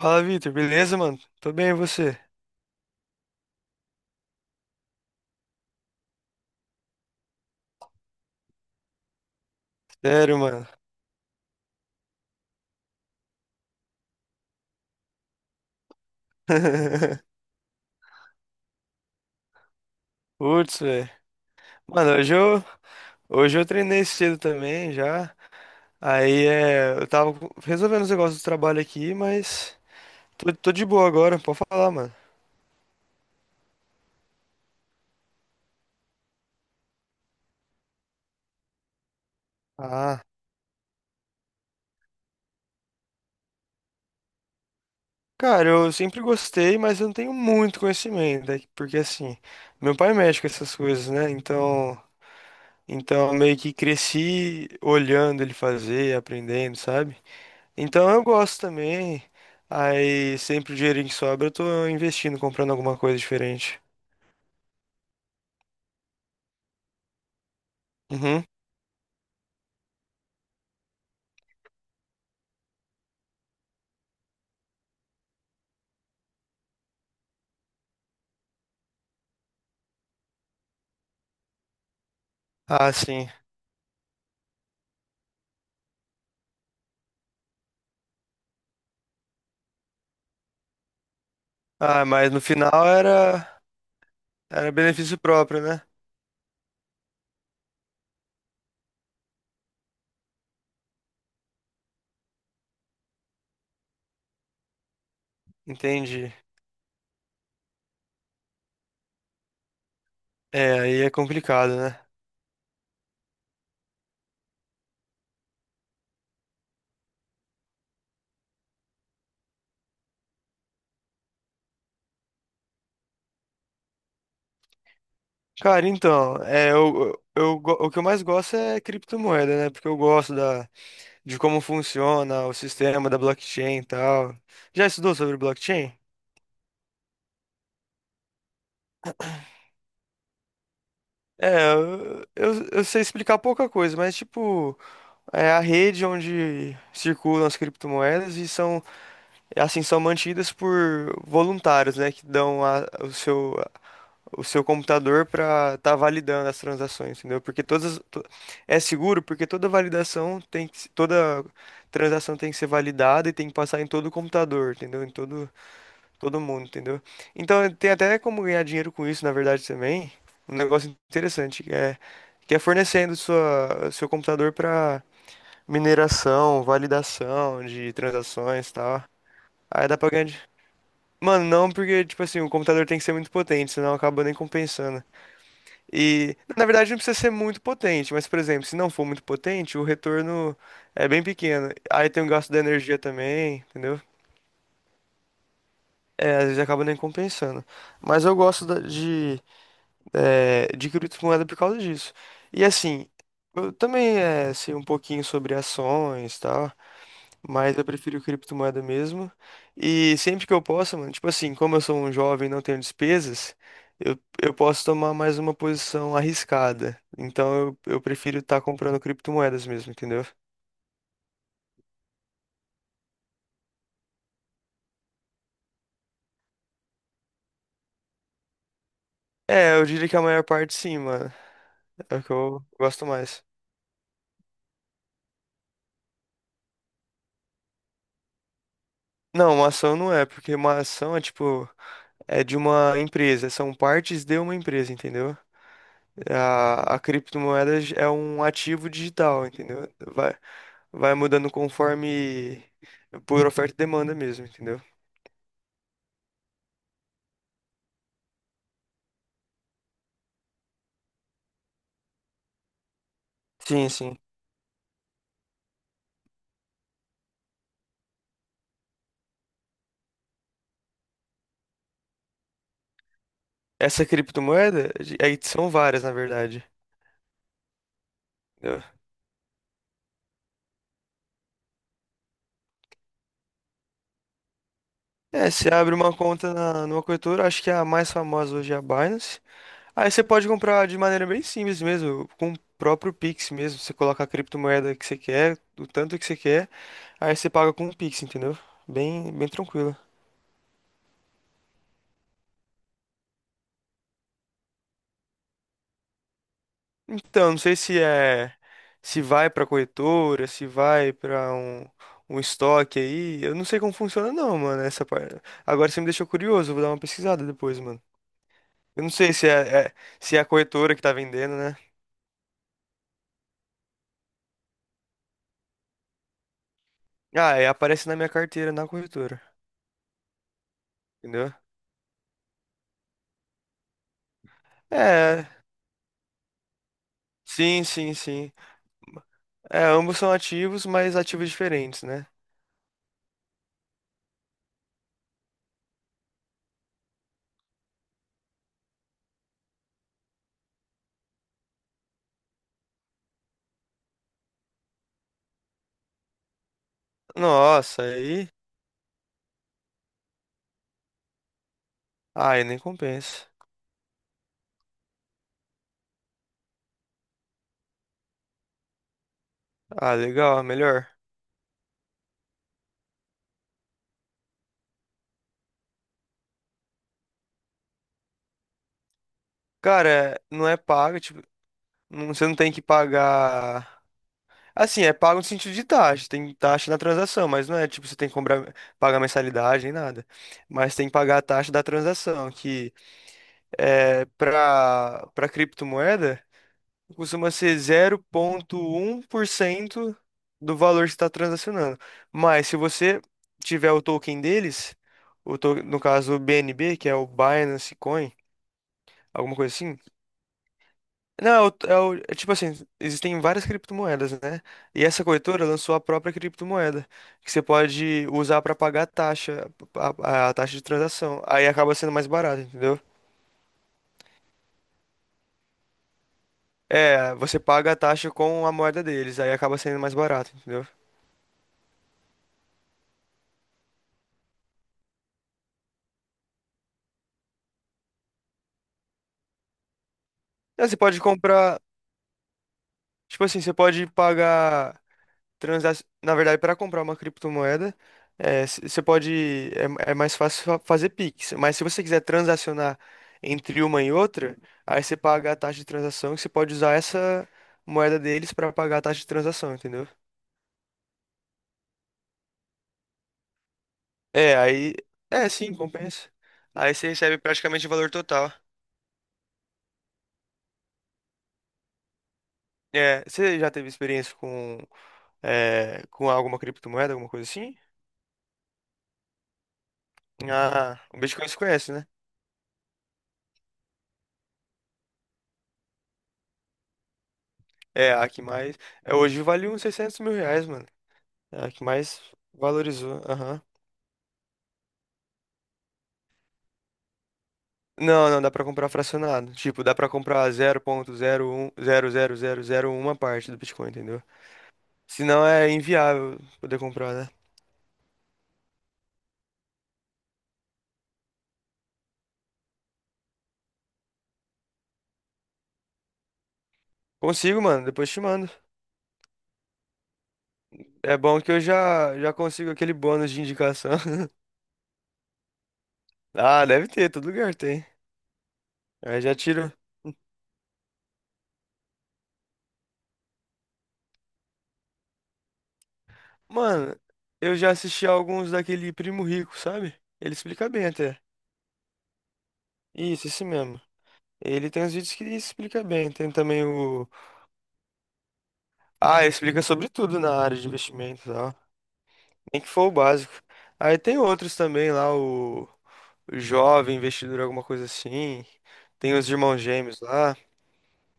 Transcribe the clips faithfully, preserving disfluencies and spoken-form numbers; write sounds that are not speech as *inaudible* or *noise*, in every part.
Fala, Vitor, beleza, mano? Tô bem, e você? Sério, mano. *laughs* Putz, velho. Mano, hoje eu, hoje eu treinei cedo também já. Aí é, eu tava com- resolvendo os negócios do trabalho aqui, mas tô, tô de boa agora, pode falar, mano. Ah. Cara, eu sempre gostei, mas eu não tenho muito conhecimento, né? Porque assim, meu pai mexe com essas coisas, né? Então, então eu meio que cresci olhando ele fazer, aprendendo, sabe? Então eu gosto também. Aí sempre o dinheirinho que sobra eu tô investindo, comprando alguma coisa diferente. Uhum. Ah, sim. Ah, mas no final era era benefício próprio, né? Entendi. É, aí é complicado, né? Cara, então, é, eu, eu, eu go- o que eu mais gosto é criptomoeda, né? Porque eu gosto da, de como funciona o sistema da blockchain e tal. Já estudou sobre blockchain? É, eu, eu, eu sei explicar pouca coisa, mas tipo. É a rede onde circulam as criptomoedas e são, assim, são mantidas por voluntários, né, que dão a- o seu, o seu computador para estar validando as transações, entendeu? Porque todas, to- é seguro porque toda validação tem que, se- toda transação tem que ser validada e tem que passar em todo o computador, entendeu? Em todo, todo mundo, entendeu? Então tem até como ganhar dinheiro com isso, na verdade, também. Um negócio interessante que é, que é fornecendo sua, seu computador para mineração, validação de transações e tal. Aí dá pra ganhar. de- Mano, não, porque, tipo assim, o computador tem que ser muito potente, senão acaba nem compensando. E, na verdade, não precisa ser muito potente, mas, por exemplo, se não for muito potente, o retorno é bem pequeno. Aí tem o gasto da energia também, entendeu? É, às vezes acaba nem compensando. Mas eu gosto da- de, é, de criptomoeda por causa disso. E assim, eu também é, sei um pouquinho sobre ações e tal. Mas eu prefiro criptomoeda mesmo. E sempre que eu posso, mano, tipo assim, como eu sou um jovem e não tenho despesas, eu, eu posso tomar mais uma posição arriscada. Então eu, eu prefiro estar comprando criptomoedas mesmo, entendeu? É, eu diria que a maior parte sim, mano. É o que eu gosto mais. Não, uma ação não é, porque uma ação é tipo, é de uma empresa, são partes de uma empresa, entendeu? A, a criptomoeda é um ativo digital, entendeu? Vai. Vai mudando conforme por oferta e demanda mesmo, entendeu? Sim, sim. Essa criptomoeda, de- aí são várias, na verdade. Entendeu? É, você abre uma conta na, numa corretora, acho que é a mais famosa hoje é a Binance. Aí você pode comprar de maneira bem simples mesmo, com o próprio Pix mesmo. Você coloca a criptomoeda que você quer, do tanto que você quer, aí você paga com o Pix, entendeu? Bem, bem tranquilo. Então, não sei se é se vai pra corretora, se vai pra um, um estoque aí. Eu não sei como funciona não, mano, essa parte. Agora você me deixou curioso, eu vou dar uma pesquisada depois, mano. Eu não sei se é, é- se é a corretora que tá vendendo, né? Ah, é, aparece na minha carteira na corretora, entendeu? É, sim, sim, sim. É, ambos são ativos, mas ativos diferentes, né? Nossa, aí, aí nem compensa. Ah, legal, melhor. Cara, é- não é paga, tipo. Não. Você não tem que pagar. Assim, é pago no sentido de taxa. Tem taxa na transação, mas não é tipo você tem que comprar, pagar mensalidade nem nada. Mas tem que pagar a taxa da transação, que é para para criptomoeda costuma ser zero vírgula um por cento do valor que você está transacionando. Mas se você tiver o token deles, o to- no caso o B N B, que é o Binance Coin, alguma coisa assim. Não, é o- é tipo assim, existem várias criptomoedas, né? E essa corretora lançou a própria criptomoeda, que você pode usar para pagar a taxa, a, a- a taxa de transação. Aí acaba sendo mais barato, entendeu? É, você paga a taxa com a moeda deles, aí acaba sendo mais barato, entendeu? Não, você pode comprar, tipo assim, você pode pagar. Transa- na verdade, para comprar uma criptomoeda, você pode, é, é mais fácil fa- fazer Pix. Mas se você quiser transacionar entre uma e outra, aí você paga a taxa de transação e você pode usar essa moeda deles para pagar a taxa de transação, entendeu? É, aí, é sim, compensa. Aí você recebe praticamente o valor total. É, você já teve experiência com, é, com alguma criptomoeda, alguma coisa assim? Ah, o Bitcoin você conhece, né? É, a que mais. É, hoje vale uns seiscentos mil reais, mano. É a que mais valorizou. Aham. Não, não, dá pra comprar fracionado. Tipo, dá pra comprar um um zero ponto zero um zero zero zero zero zero um parte do Bitcoin, entendeu? Senão é inviável poder comprar, né? Consigo, mano, depois te mando. É bom que eu já já consigo aquele bônus de indicação. *laughs* Ah, deve ter, todo lugar tem. Aí já tiro. Mano, eu já assisti alguns daquele Primo Rico, sabe? Ele explica bem até. Isso, esse mesmo. Ele tem uns vídeos que explica bem. Tem também o. Ah, explica sobre tudo na área de investimentos, ó. Nem que for o básico. Aí tem outros também lá, o, o jovem investidor, alguma coisa assim. Tem os irmãos gêmeos lá.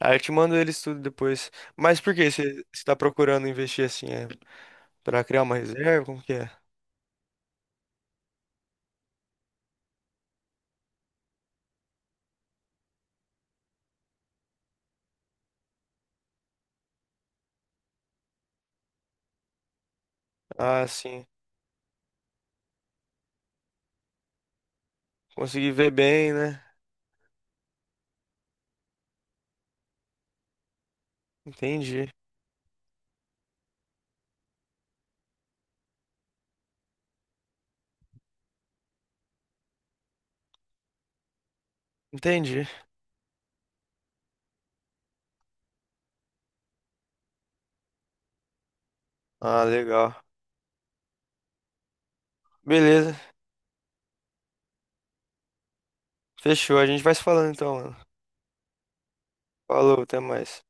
Aí eu te mando eles tudo depois. Mas por que você está procurando investir assim? É para criar uma reserva? Como que é? Ah, sim. Consegui ver bem, né? Entendi. Entendi. Ah, legal. Beleza. Fechou. A gente vai se falando então, mano. Falou, até mais.